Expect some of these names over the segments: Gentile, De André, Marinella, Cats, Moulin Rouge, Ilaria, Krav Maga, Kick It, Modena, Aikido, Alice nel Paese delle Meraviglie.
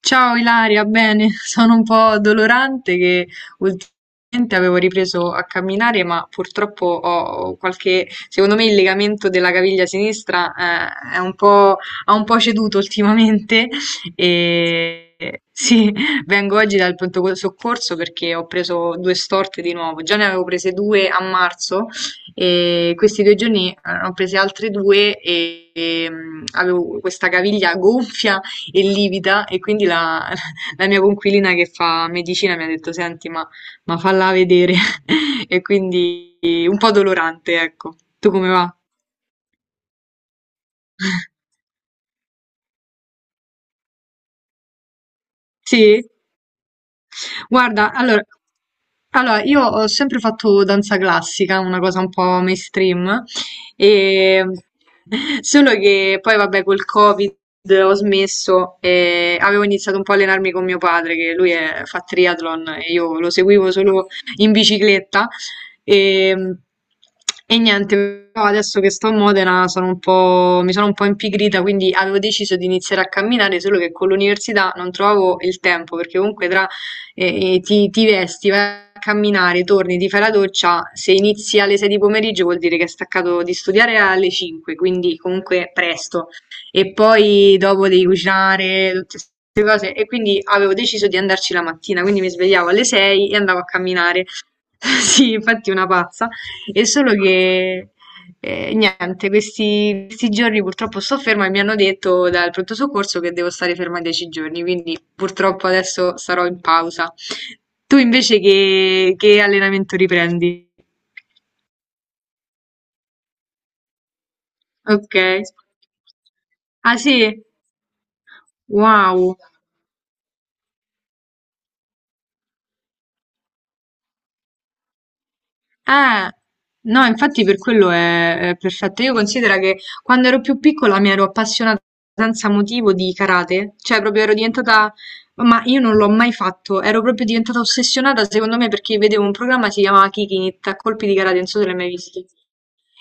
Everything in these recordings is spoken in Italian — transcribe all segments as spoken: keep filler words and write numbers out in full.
Ciao Ilaria, bene, sono un po' dolorante che ultimamente avevo ripreso a camminare, ma purtroppo ho qualche, secondo me il legamento della caviglia sinistra eh, è un po', ha un po' ceduto ultimamente e sì, vengo oggi dal pronto soccorso perché ho preso due storte di nuovo, già ne avevo prese due a marzo e questi due giorni eh, ne ho prese altre due e, e, mm, avevo questa caviglia gonfia e livida e quindi la, la mia coinquilina che fa medicina mi ha detto senti ma, ma falla vedere. E quindi un po' dolorante ecco. Tu come va? Sì? Guarda, allora, allora, io ho sempre fatto danza classica, una cosa un po' mainstream, e solo che poi vabbè col Covid ho smesso e avevo iniziato un po' a allenarmi con mio padre, che lui è- fa triathlon e io lo seguivo solo in bicicletta e, e niente, però adesso che sto a Modena sono un po', mi sono un po' impigrita, quindi avevo deciso di iniziare a camminare, solo che con l'università non trovavo il tempo, perché comunque tra e, e ti, ti vesti, vai a camminare, torni, ti fai la doccia, se inizi alle sei di pomeriggio vuol dire che hai staccato di studiare alle cinque, quindi comunque presto. E poi dopo devi cucinare, tutte queste cose. E quindi avevo deciso di andarci la mattina, quindi mi svegliavo alle sei e andavo a camminare. Sì, infatti una pazza. È solo che e niente, questi, questi giorni purtroppo sto ferma e mi hanno detto dal pronto soccorso che devo stare ferma dieci giorni, quindi purtroppo adesso sarò in pausa. Tu invece che, che allenamento riprendi? Ok. Ah sì? Wow. Eh, no, infatti per quello è, è perfetto. Io considero che quando ero più piccola mi ero appassionata senza motivo di karate, cioè proprio ero diventata, ma io non l'ho mai fatto, ero proprio diventata ossessionata secondo me perché vedevo un programma che si chiamava Kick It, a colpi di karate, non so se l'hai mai visto.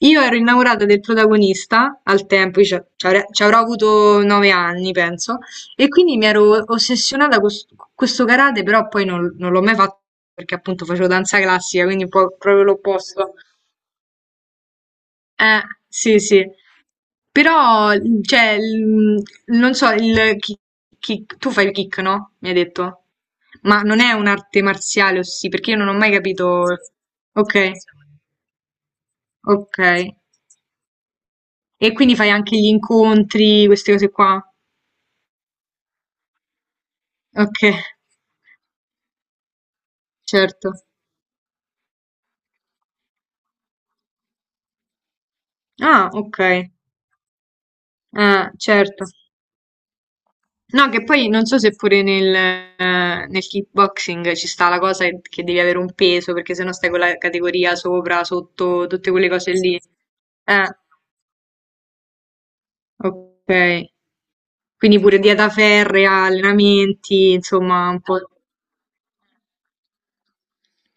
Io ero innamorata del protagonista al tempo, io ci ci avrei- ci avrò avuto nove anni, penso, e quindi mi ero ossessionata con s- con questo karate, però poi non, non l'ho mai fatto perché appunto facevo danza classica, quindi un po' proprio l'opposto. Eh, sì, sì. Però, cioè, il- non so, il kick, kick- tu fai il kick, no? Mi hai detto. Ma non è un'arte marziale, o sì, perché io non ho mai capito. Ok, ok. E quindi fai anche gli incontri, queste cose qua. Ok, certo. Ah, ok. Ah, certo. No, che poi non so se pure nel, eh, nel kickboxing ci sta la cosa che che devi avere un peso, perché sennò stai con la categoria sopra, sotto, tutte quelle cose lì. Eh, ok. Quindi pure dieta ferrea, allenamenti, insomma, un po'.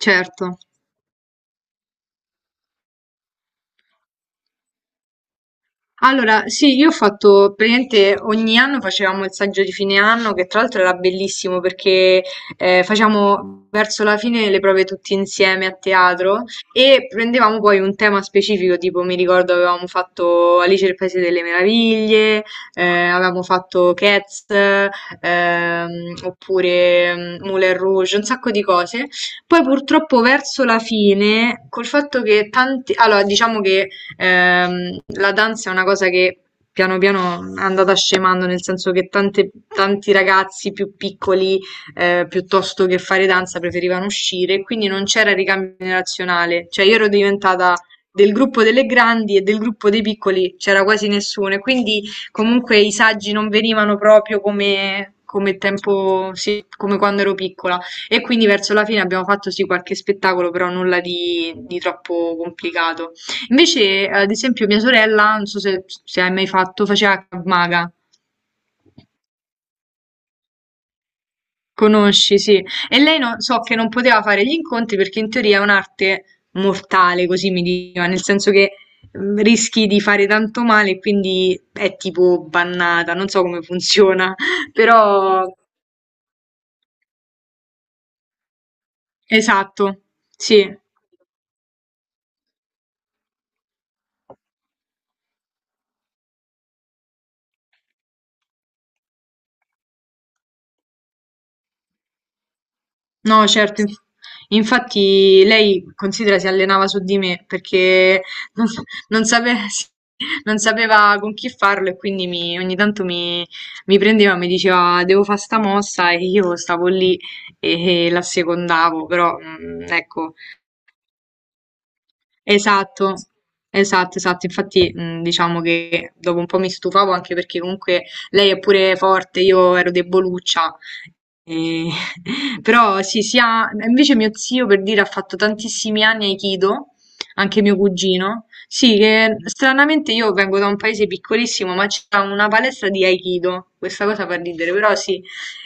Certo. Allora, sì, io ho fatto praticamente ogni anno facevamo il saggio di fine anno, che tra l'altro era bellissimo perché eh, facevamo verso la fine le prove tutti insieme a teatro e prendevamo poi un tema specifico, tipo mi ricordo avevamo fatto Alice nel Paese delle Meraviglie, eh, avevamo fatto Cats, ehm, oppure mm, Moulin Rouge, un sacco di cose. Poi purtroppo verso la fine, col fatto che tanti, allora diciamo che ehm, la danza è una cosa che piano piano è andata scemando, nel senso che tante- tanti ragazzi più piccoli, eh, piuttosto che fare danza, preferivano uscire, e quindi non c'era ricambio generazionale. Cioè io ero diventata del gruppo delle grandi e del gruppo dei piccoli c'era quasi nessuno, e quindi comunque i saggi non venivano proprio come. Come tempo, sì, come quando ero piccola. E quindi verso la fine abbiamo fatto sì qualche spettacolo, però nulla di di troppo complicato. Invece, eh, ad esempio, mia sorella, non so se, se hai mai fatto, faceva Krav Maga. Conosci, sì. E lei non, so che non poteva fare gli incontri perché in teoria è un'arte mortale, così mi diceva, nel senso che mm, rischi di fare tanto male e quindi è tipo bannata, non so come funziona, però esatto, sì. No, certo, inf- infatti lei considera si allenava su di me perché non, non sape- non sapeva con chi farlo e quindi mi- ogni tanto mi, mi prendeva e mi diceva devo fare sta mossa e io stavo lì e, e la secondavo, però mm, ecco. Esatto, esatto, esatto. Infatti, mh, diciamo che dopo un po' mi stufavo anche perché comunque lei è pure forte, io ero deboluccia. E- Però sì, sia... invece mio zio per dire ha fatto tantissimi anni Aikido, anche mio cugino. Sì, che stranamente io vengo da un paese piccolissimo, ma c'è una palestra di Aikido. Questa cosa fa ridere, però sì.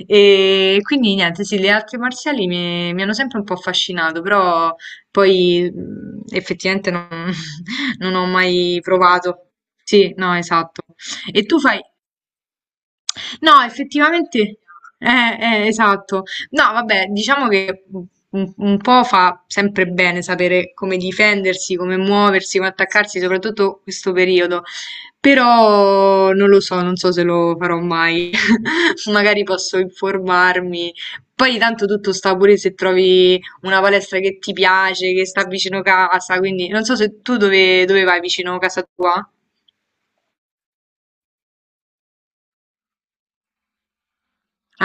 E quindi niente, sì, le arti marziali mi, mi hanno sempre un po' affascinato, però. Poi, mhmm, effettivamente non non ho mai provato. Sì, no, esatto. E tu fai no, effettivamente eh, eh, esatto. No, vabbè, diciamo che u un un po' fa sempre bene sapere come difendersi, come muoversi, come attaccarsi, soprattutto questo periodo. Però non lo so, non so se lo farò mai. Magari posso informarmi. Poi tanto tutto sta pure se trovi una palestra che ti piace, che sta vicino casa, quindi non so se tu dove, dove vai vicino casa tua?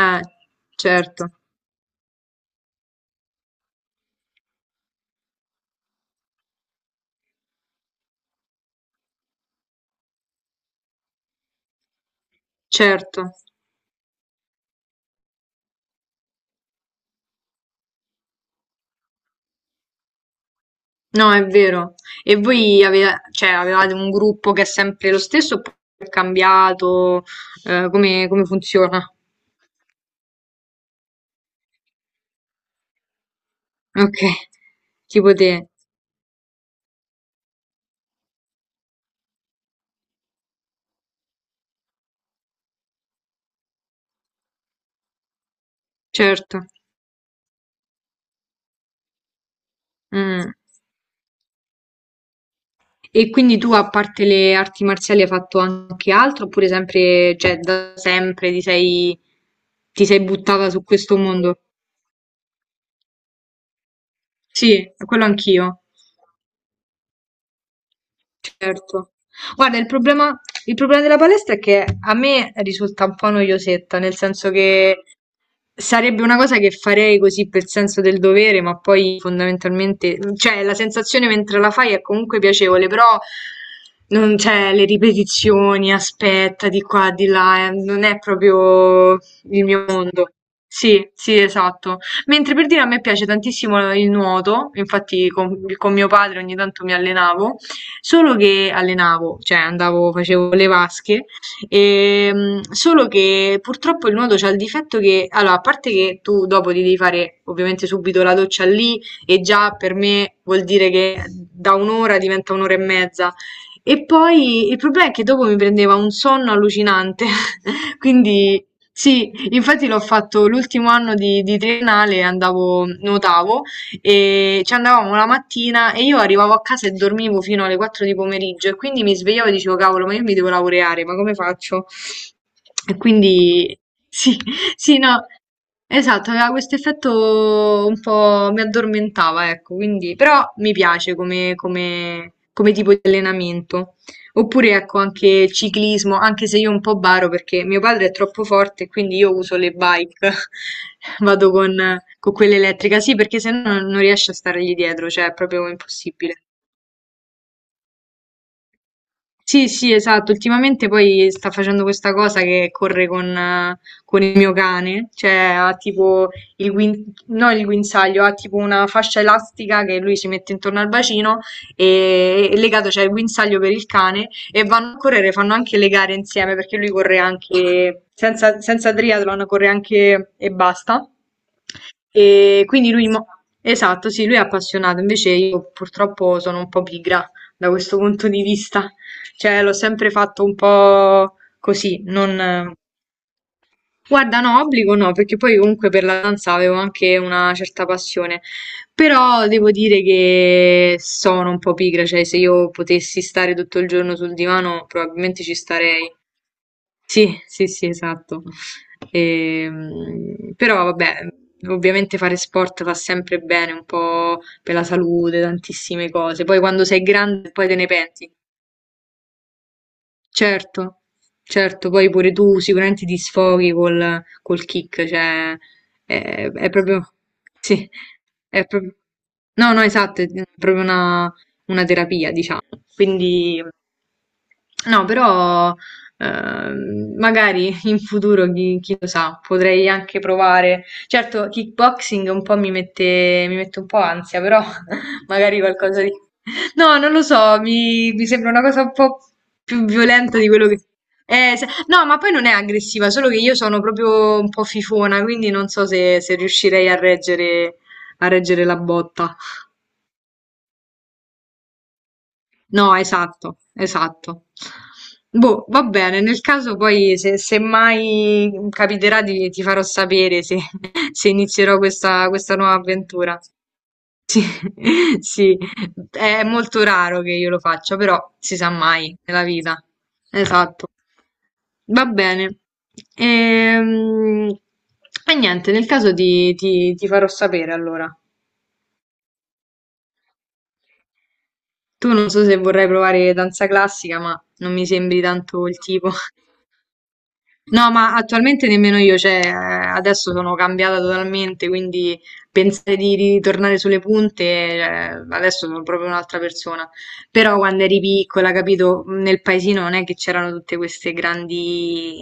Eh, certo, certo. No, è vero. E voi aveva- cioè, avevate un gruppo che è sempre lo stesso oppure è cambiato? Eh, come, come funziona? Ok, tipo te, certo. Mm. E quindi tu, a parte le arti marziali, hai fatto anche altro? Oppure sempre, cioè, da sempre ti sei, ti sei buttata su questo mondo? Sì, quello anch'io. Certo. Guarda, il problema, il problema della palestra è che a me risulta un po' noiosetta, nel senso che sarebbe una cosa che farei così per senso del dovere, ma poi fondamentalmente, cioè la sensazione mentre la fai è comunque piacevole, però non c'è le ripetizioni, aspetta di qua, di là, eh, non è proprio il mio mondo. Sì, sì, esatto. Mentre per dire a me piace tantissimo il nuoto, infatti con, con mio padre ogni tanto mi allenavo. Solo che allenavo, cioè andavo, facevo le vasche, ehm, solo che purtroppo il nuoto c'ha il difetto che, allora, a parte che tu dopo ti devi fare ovviamente subito la doccia lì e già per me vuol dire che da un'ora diventa un'ora e mezza. E poi il problema è che dopo mi prendeva un sonno allucinante, quindi sì, infatti l'ho fatto l'ultimo anno di, di triennale, andavo, nuotavo e ci andavamo la mattina e io arrivavo a casa e dormivo fino alle quattro di pomeriggio e quindi mi svegliavo e dicevo, cavolo, ma io mi devo laureare, ma come faccio? E quindi sì, sì, no, esatto, aveva questo effetto un po' mi addormentava, ecco, quindi però mi piace come, come- come tipo di allenamento. Oppure ecco anche ciclismo, anche se io un po' baro perché mio padre è troppo forte, quindi io uso le bike, vado con, con quella elettrica, sì, perché se no non riesce a stargli dietro, cioè è proprio impossibile. Sì, sì, esatto. Ultimamente poi sta facendo questa cosa che corre con, eh, con il mio cane, cioè ha tipo il guin- no, il guinzaglio, ha tipo una fascia elastica che lui si mette intorno al bacino e, e legato c'è il guinzaglio per il cane e vanno a correre, fanno anche le gare insieme perché lui corre anche senza, senza triathlon, corre anche e basta. E quindi lui, mo- esatto, sì, lui è appassionato, invece io purtroppo sono un po' pigra da questo punto di vista. Cioè, l'ho sempre fatto un po' così, non. Guarda, no, obbligo no, perché poi comunque per la danza avevo anche una certa passione, però devo dire che sono un po' pigra, cioè se io potessi stare tutto il giorno sul divano probabilmente ci starei. Sì, sì, sì, esatto. Ehm, però vabbè, ovviamente fare sport fa sempre bene, un po' per la salute, tantissime cose, poi quando sei grande poi te ne penti. Certo, certo, poi pure tu sicuramente ti sfoghi col, col kick, cioè è, è proprio, sì, è proprio, no, no, esatto, è proprio una, una terapia, diciamo. Quindi, no, però ehm, magari in futuro, chi, chi lo sa, potrei anche provare. Certo, kickboxing un po' mi mette, mi mette un po' ansia, però magari qualcosa di. No, non lo so, mi, mi sembra una cosa un po' più violenta di quello che. Eh, se- No, ma poi non è aggressiva, solo che io sono proprio un po' fifona, quindi non so se, se riuscirei a reggere, a reggere la botta. No, esatto, esatto. Boh, va bene, nel caso poi se, se mai capiterà di- ti farò sapere se, se inizierò questa questa nuova avventura. Sì, sì, è molto raro che io lo faccia, però si sa mai nella vita. Esatto. Va bene. Ehm, E, niente, nel caso ti, ti- ti farò sapere allora. Tu non so se vorrai provare danza classica, ma non mi sembri tanto il tipo. No, ma attualmente nemmeno io, cioè eh, adesso sono cambiata totalmente, quindi pensare di ritornare sulle punte, eh, adesso sono proprio un'altra persona. Però quando eri piccola, capito, nel paesino non è che c'erano tutte queste grandi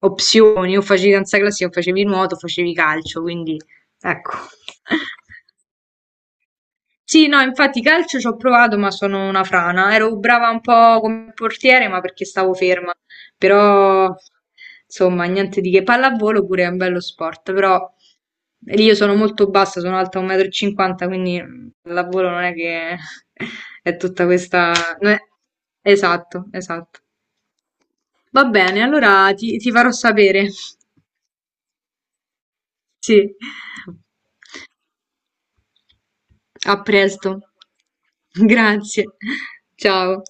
opzioni, o facevi danza classica, o facevi nuoto, o facevi calcio, quindi ecco. Sì, no, infatti calcio ci ho provato, ma sono una frana. Ero brava un po' come portiere, ma perché stavo ferma. Però, insomma, niente di che. Pallavolo pure è un bello sport, però lì io sono molto bassa, sono alta uno e cinquanta m, quindi mm, pallavolo non è che è tutta questa. Non è- Esatto, esatto. Va bene, allora ti, ti farò sapere. Sì. A presto. Grazie. Ciao.